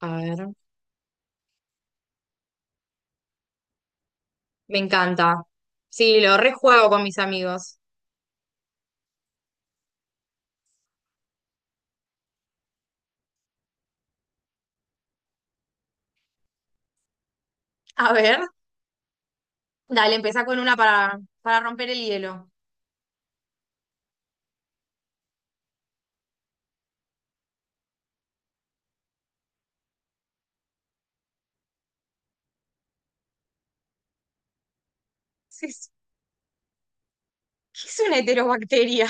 A ver. Me encanta. Sí, lo rejuego con mis amigos. A ver, dale, empezá con una para romper el hielo. Sí, sí. ¿Qué es una heterobacteria?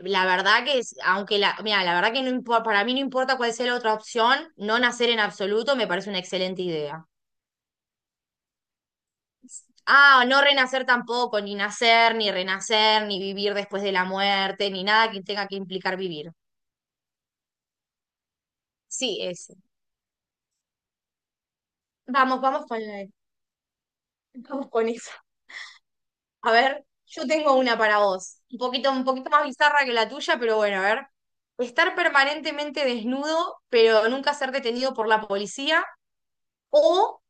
La verdad que es, aunque la, mira, la verdad que no importa, para mí no importa cuál sea la otra opción, no nacer en absoluto me parece una excelente idea. Ah, no renacer tampoco, ni nacer, ni renacer, ni vivir después de la muerte, ni nada que tenga que implicar vivir. Sí, ese. Vamos, vamos con la- Vamos con eso. A ver, yo tengo una para vos, un poquito más bizarra que la tuya, pero bueno, a ver. Estar permanentemente desnudo, pero nunca ser detenido por la policía, o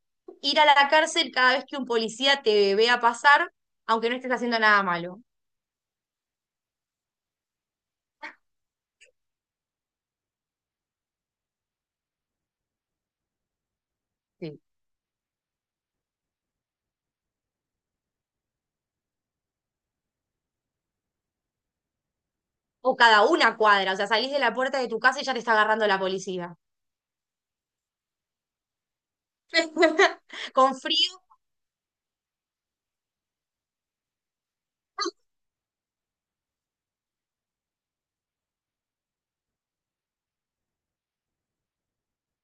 ir a la cárcel cada vez que un policía te vea pasar, aunque no estés haciendo nada malo. Sí. O cada una cuadra, o sea, salís de la puerta de tu casa y ya te está agarrando la policía. Con frío,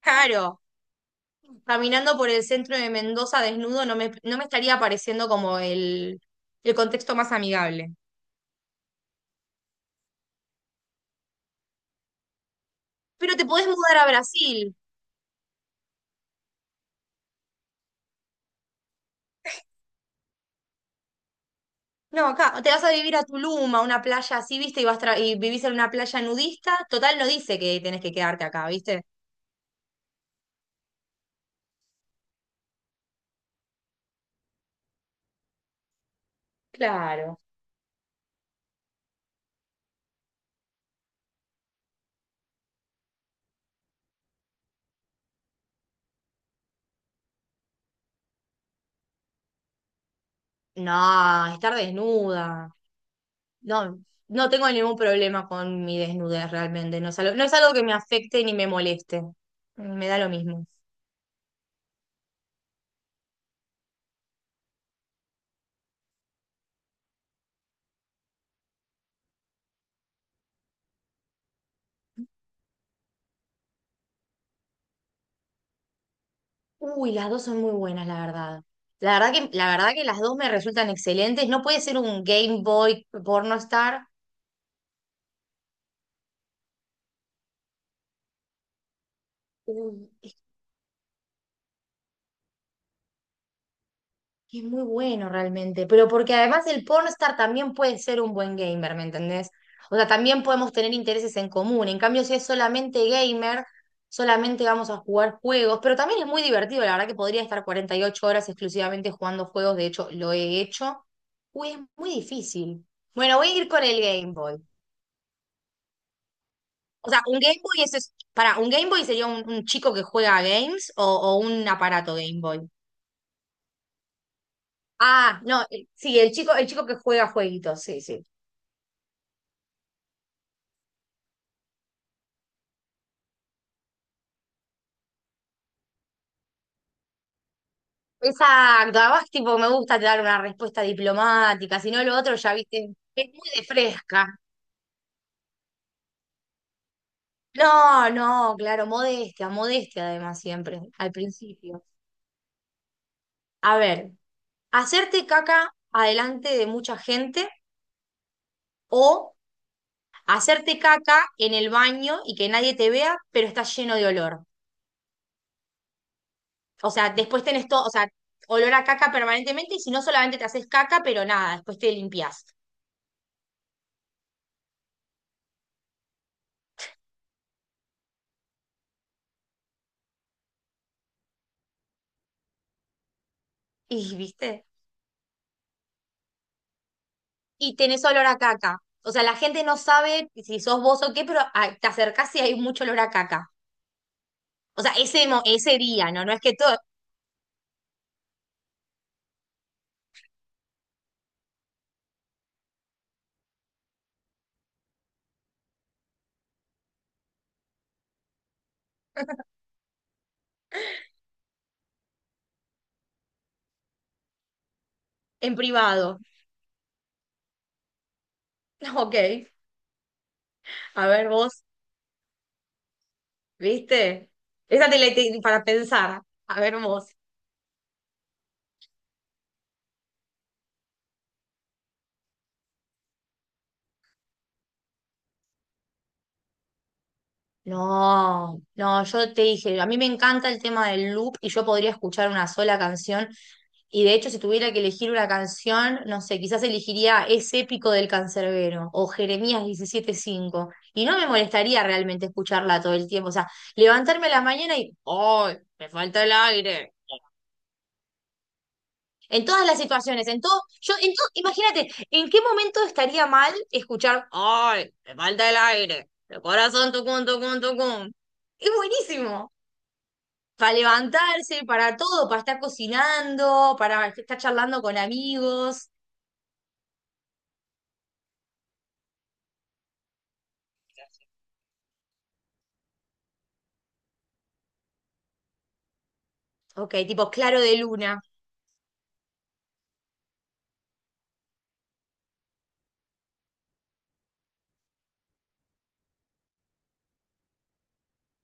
claro. Caminando por el centro de Mendoza desnudo no me estaría pareciendo como el contexto más amigable. Pero te podés mudar a Brasil. No, acá, o te vas a vivir a Tulum, a una playa así, ¿viste? Y y vivís en una playa nudista. Total, no dice que tenés que quedarte acá, ¿viste? Claro. No, estar desnuda. No, no tengo ningún problema con mi desnudez realmente. No es algo que me afecte ni me moleste. Me da lo mismo. Uy, las dos son muy buenas, la verdad. La verdad que las dos me resultan excelentes. No puede ser un Game Boy porno star. Que es muy bueno realmente, pero porque además el pornstar también puede ser un buen gamer, ¿me entendés? O sea, también podemos tener intereses en común. En cambio, si es solamente gamer, solamente vamos a jugar juegos, pero también es muy divertido, la verdad que podría estar 48 horas exclusivamente jugando juegos, de hecho, lo he hecho. Uy, es muy difícil. Bueno, voy a ir con el Game Boy. O sea, un Game Boy es, para, un Game Boy sería un chico que juega a games o un aparato Game Boy. Ah, no, sí, el chico que juega jueguitos, sí, sí. Exacto, además tipo me gusta dar una respuesta diplomática, si no lo otro ya viste, es muy de fresca. No, no, claro, modestia, modestia además siempre, al principio. A ver, hacerte caca adelante de mucha gente o hacerte caca en el baño y que nadie te vea, pero estás lleno de olor. O sea, después tenés todo, o sea, olor a caca permanentemente y si no solamente te haces caca, pero nada, después te limpias. Y, ¿viste? Y tenés olor a caca. O sea, la gente no sabe si sos vos o qué, pero ah, te acercás y hay mucho olor a caca. O sea, ese día, ¿no? No es que todo en privado. Ok, a ver vos, ¿viste? Esa te la te- para pensar. A ver vos. No, no, yo te dije, a mí me encanta el tema del loop y yo podría escuchar una sola canción. Y de hecho, si tuviera que elegir una canción, no sé, quizás elegiría Es épico del Cancerbero o Jeremías 17 5. Y no me molestaría realmente escucharla todo el tiempo. O sea, levantarme a la mañana y ¡ay! Me falta el aire. En todas las situaciones, en todo, yo, en todo, imagínate, ¿en qué momento estaría mal escuchar ¡ay! Me falta el aire. El corazón tucum, tucum, tucum. Es buenísimo. Para levantarse, para todo, para estar cocinando, para estar charlando con amigos. Ok, tipo claro de luna.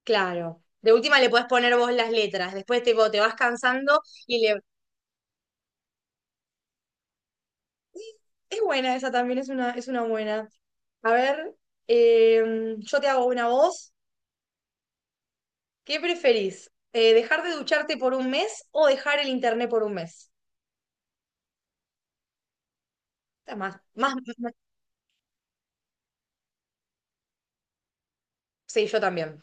Claro. De última le podés poner vos las letras. Después tipo, te vas cansando y le. Es buena esa también, es una buena. A ver, yo te hago una voz. ¿Qué preferís? ¿Dejar de ducharte por un mes o dejar el internet por un mes? Está sí, yo también.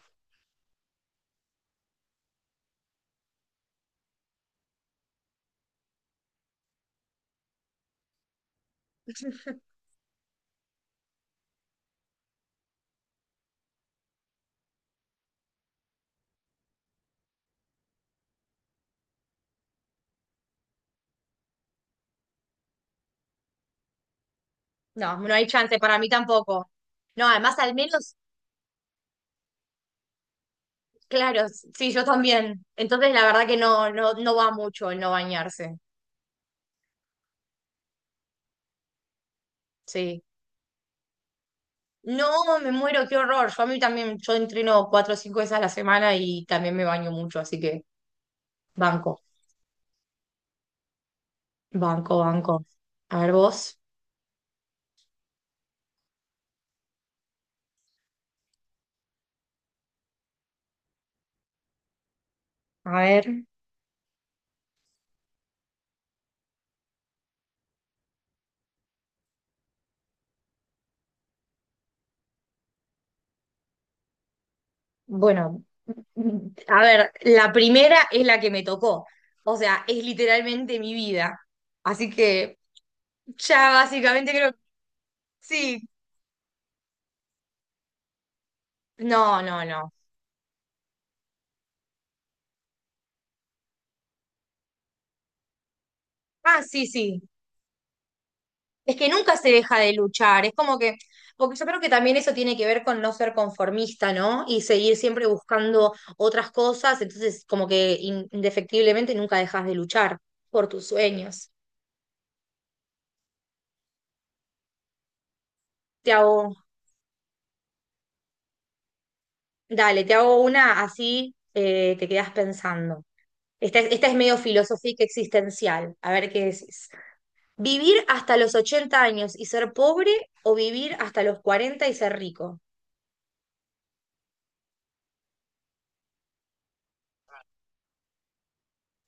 No, no hay chance, para mí tampoco. No, además al menos, claro, sí, yo también. Entonces la verdad que no, no, no va mucho el no bañarse. Sí. No, me muero, qué horror. Yo a mí también, yo entreno 4 o 5 veces a la semana y también me baño mucho, así que banco, banco, banco. A ver vos, a ver. Bueno, a ver, la primera es la que me tocó. O sea, es literalmente mi vida. Así que ya básicamente creo, sí, no, no, no. Ah, sí, sí. Es que nunca se deja de luchar, es como que, porque yo creo que también eso tiene que ver con no ser conformista, ¿no? Y seguir siempre buscando otras cosas, entonces como que indefectiblemente nunca dejas de luchar por tus sueños. Te hago, dale, te hago una así, te quedas pensando. Esta es medio filosófica existencial, a ver qué decís. ¿Vivir hasta los 80 años y ser pobre o vivir hasta los 40 y ser rico?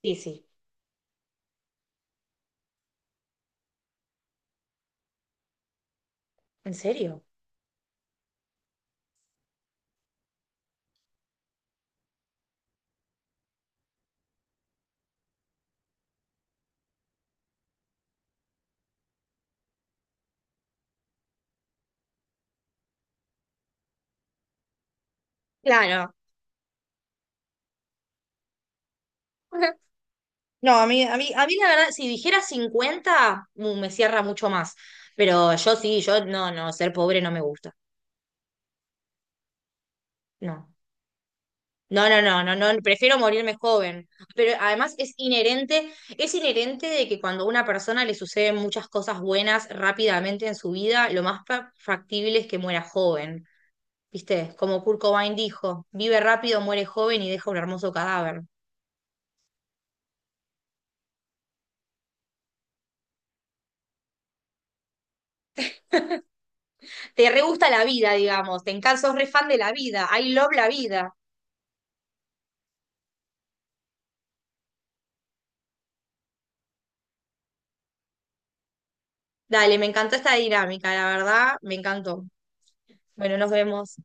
Sí, sí. ¿En serio? Claro. No, a mí la verdad, si dijera 50 me cierra mucho más. Pero yo sí, yo no, no, ser pobre no me gusta. No. No, no, no, no, no, prefiero morirme joven. Pero además es inherente de que cuando a una persona le suceden muchas cosas buenas rápidamente en su vida, lo más factible es que muera joven. ¿Viste? Como Kurt Cobain dijo, vive rápido, muere joven y deja un hermoso cadáver. Te re gusta la vida, digamos. Te encanta, sos re fan de la vida. I love la vida. Dale, me encantó esta dinámica, la verdad, me encantó. Bueno, nos vemos.